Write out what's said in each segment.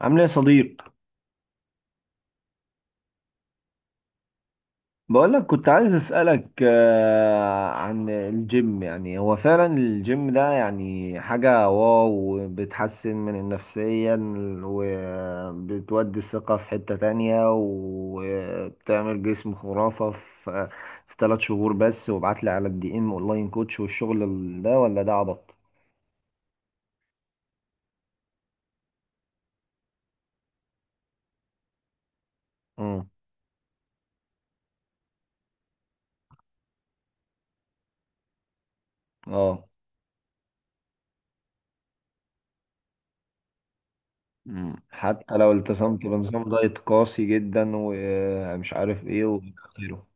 عامل ايه يا صديق؟ بقولك، كنت عايز اسألك عن الجيم. يعني هو فعلا الجيم ده يعني حاجة واو، بتحسن من نفسيا وبتودي الثقة في حتة تانية وبتعمل جسم خرافة في 3 شهور بس. وابعتلي على الدي ام اونلاين كوتش. والشغل ده ولا ده عبط؟ مم. اه. مم. حتى لو التزمت بنظام دايت قاسي جدا ومش عارف ايه وآخره.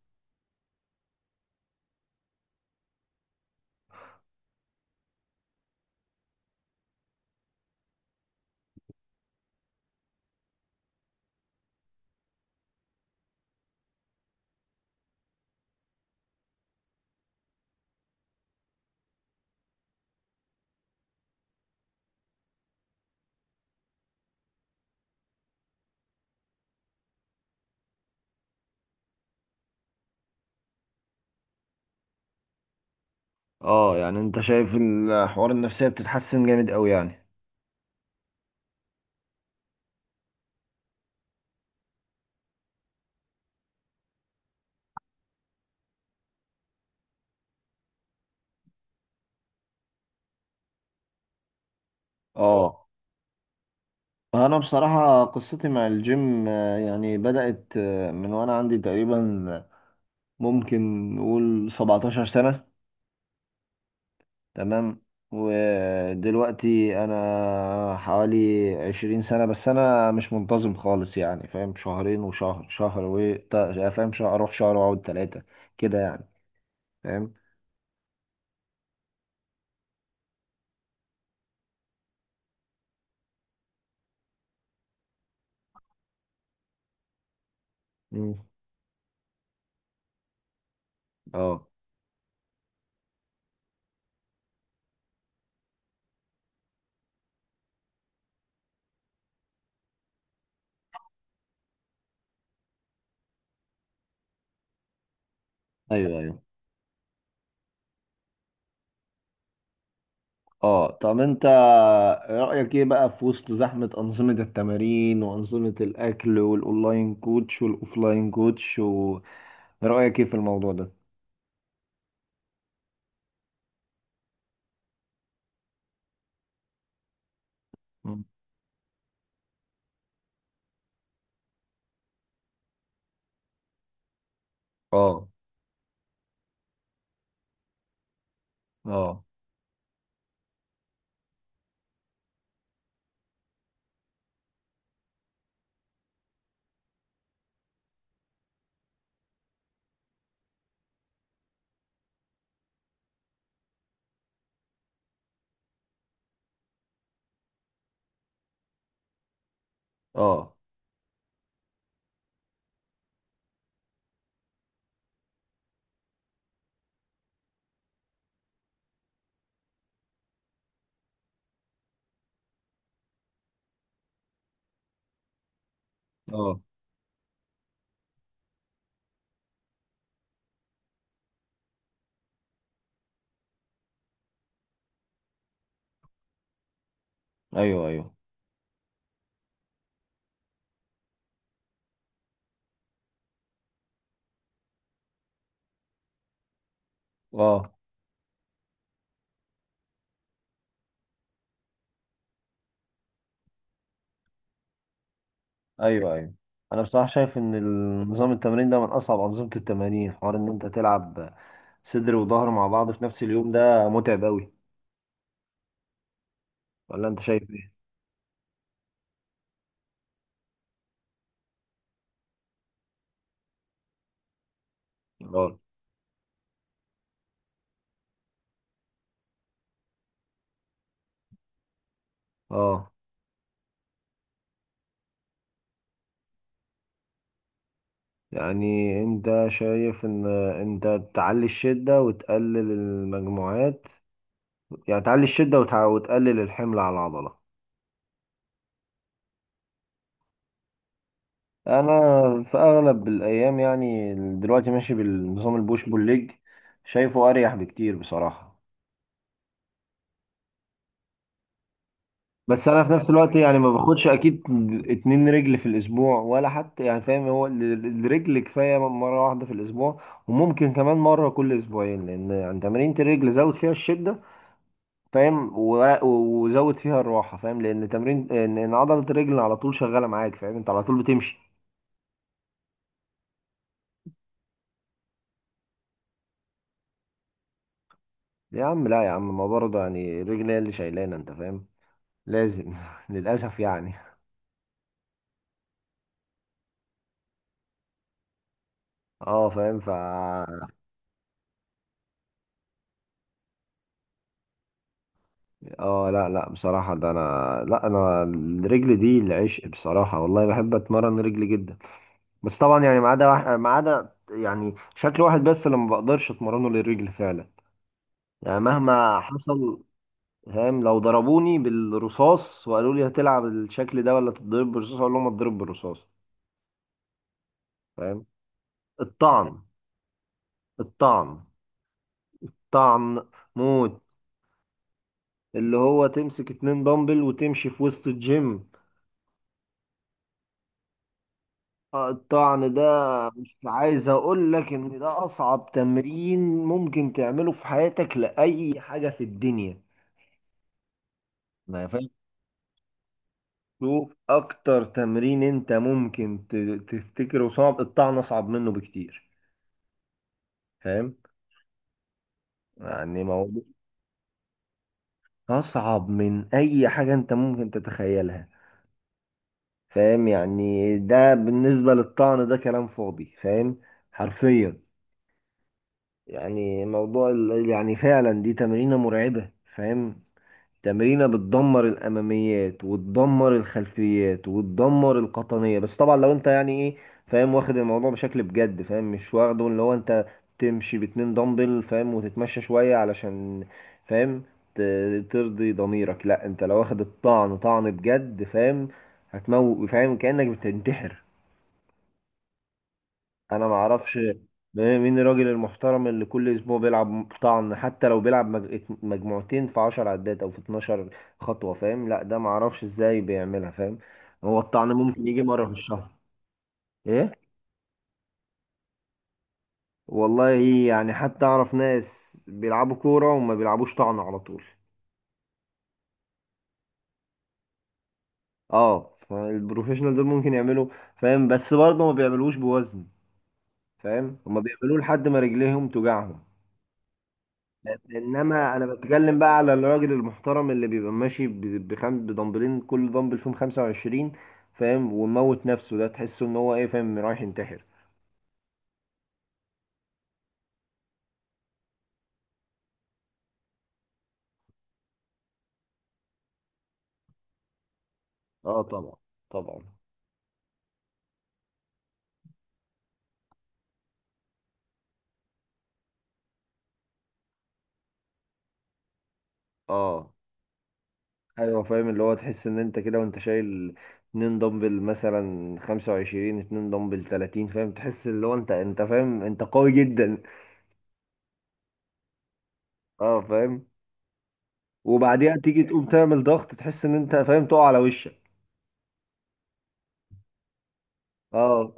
اه، يعني انت شايف الحوار النفسية بتتحسن جامد قوي يعني؟ اه. انا بصراحة قصتي مع الجيم، يعني بدأت من وانا عندي تقريبا، ممكن نقول 17 سنة. تمام. ودلوقتي انا حوالي 20 سنة. بس انا مش منتظم خالص يعني، فاهم؟ شهرين، وشهر، شهر و تا- فاهم؟ شهر اروح، شهر واقعد ثلاثة، كده يعني. فاهم؟ مم. اه. ايوه، ايوه. اه، طب انت رأيك ايه بقى في وسط زحمة أنظمة التمارين وأنظمة الأكل والأونلاين كوتش والأوفلاين كوتش؟ ورأيك ايه في الموضوع ده؟ مم. اه، اه، اه، اه. ايوه، ايوه. اه. ايوه، ايوه. انا بصراحة شايف ان نظام التمرين ده من اصعب أنظمة التمارين. حوار ان انت تلعب صدر وظهر مع بعض في نفس اليوم، ده متعب اوي. ولا انت شايف ايه؟ اه، اه، يعني انت شايف ان انت تعلي الشدة وتقلل المجموعات؟ يعني تعلي الشدة وتقلل الحمل على العضلة. انا في اغلب الايام يعني، دلوقتي ماشي بالنظام البوش بول ليج. شايفه اريح بكتير بصراحة. بس انا في نفس الوقت يعني ما باخدش اكيد 2 رجل في الاسبوع، ولا حتى يعني، فاهم؟ هو الرجل كفاية مرة واحدة في الاسبوع، وممكن كمان مرة كل اسبوعين. لان يعني تمارين الرجل زود فيها الشدة، فاهم؟ وزود فيها الراحه، فاهم؟ لان تمرين إن عضله الرجل على طول شغاله معاك، فاهم؟ انت على طول بتمشي. يا عم لا، يا عم، ما برضه يعني الرجل هي اللي شايلانا، انت فاهم؟ لازم للاسف يعني. اه، فاهم. اه، لا لا، بصراحه ده انا، لا، انا الرجل دي العشق بصراحه والله، بحب اتمرن رجل جدا. بس طبعا يعني، ما عدا يعني شكل واحد بس اللي ما بقدرش اتمرنه للرجل فعلا، يعني مهما حصل، فاهم؟ لو ضربوني بالرصاص وقالوا لي هتلعب الشكل ده ولا تتضرب بالرصاص، اقول لهم اتضرب بالرصاص، فاهم؟ الطعن، الطعن. طعن موت. اللي هو تمسك 2 دمبل وتمشي في وسط الجيم، الطعن ده، مش عايز اقول لك ان ده اصعب تمرين ممكن تعمله في حياتك، لاي حاجة في الدنيا، ما فاهم. شوف اكتر تمرين انت ممكن تفتكره صعب، الطعن اصعب منه بكتير، فاهم؟ يعني موضوع اصعب من اي حاجة انت ممكن تتخيلها، فاهم؟ يعني ده بالنسبة للطعن ده كلام فاضي، فاهم؟ حرفيا. يعني موضوع يعني فعلا دي تمرينة مرعبة، فاهم؟ تمرينة بتدمر الأماميات وتدمر الخلفيات وتدمر القطنية. بس طبعا لو انت يعني ايه، فاهم؟ واخد الموضوع بشكل بجد، فاهم؟ مش واخده اللي هو انت تمشي ب2 دمبل، فاهم؟ وتتمشى شوية علشان، فاهم؟ ترضي ضميرك. لا انت لو واخد الطعن طعن بجد، فاهم؟ هتموت، فاهم؟ كأنك بتنتحر. انا ما اعرفش مين الراجل المحترم اللي كل اسبوع بيلعب طعن، حتى لو بيلعب مجموعتين في 10 عدات او في 12 خطوة، فاهم؟ لا ده ما اعرفش ازاي بيعملها، فاهم؟ هو الطعن ممكن يجي مرة في الشهر. ايه. والله، يعني حتى اعرف ناس بيلعبوا كورة وما بيلعبوش طعن على طول. اه، البروفيشنال دول ممكن يعملوا، فاهم؟ بس برضه ما بيعملوش بوزن، فاهم؟ هما بيعملوه لحد ما رجليهم توجعهم. انما انا بتكلم بقى على الراجل المحترم اللي بيبقى ماشي بدمبلين، كل دمبل فيهم 25، فاهم؟ وموت نفسه، ده تحسه ان هو ايه، فاهم؟ رايح ينتحر. اه، طبعا، طبعا. اه، ايوه، فاهم. اللي هو تحس ان انت كده وانت شايل 2 دمبل مثلا 25، 2 دمبل 30، فاهم؟ تحس اللي هو انت فاهم، انت قوي جدا. اه، فاهم. وبعديها تيجي تقوم تعمل ضغط، تحس ان انت، فاهم؟ تقع على وشك. اه،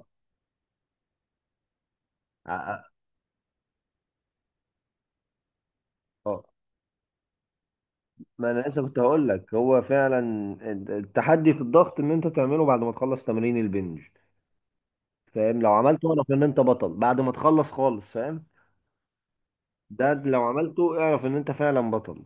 اه. ما انا لسه كنت هقول لك، هو فعلا التحدي في الضغط ان انت تعمله بعد ما تخلص تمرين البنج، فاهم؟ لو عملته اعرف ان انت بطل، بعد ما تخلص خالص، فاهم؟ ده لو عملته اعرف ان انت فعلا بطل.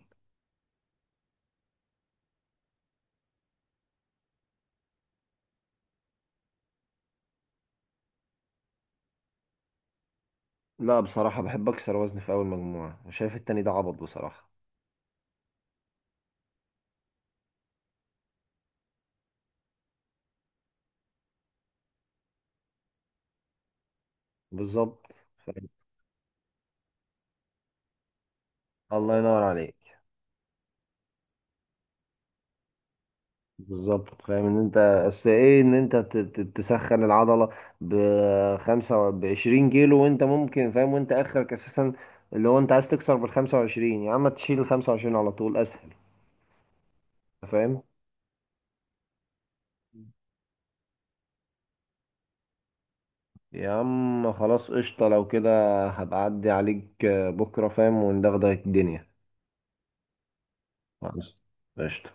لا بصراحة بحب اكسر وزني في اول مجموعة، وشايف التاني ده عبط بصراحة. بالظبط. الله ينور عليك. بالظبط، فاهم ان انت، اصل ايه ان انت تسخن العضله بخمسة، بعشرين كيلو، وانت ممكن، فاهم؟ وانت اخرك اساسا اللي هو انت عايز تكسر بالخمسة وعشرين، يا عم تشيل الخمسة وعشرين على طول اسهل، فاهم؟ يا عم خلاص، قشطه لو كده. هبقى اعدي عليك بكره، فاهم؟ وندغدغ الدنيا. خلاص، قشطه.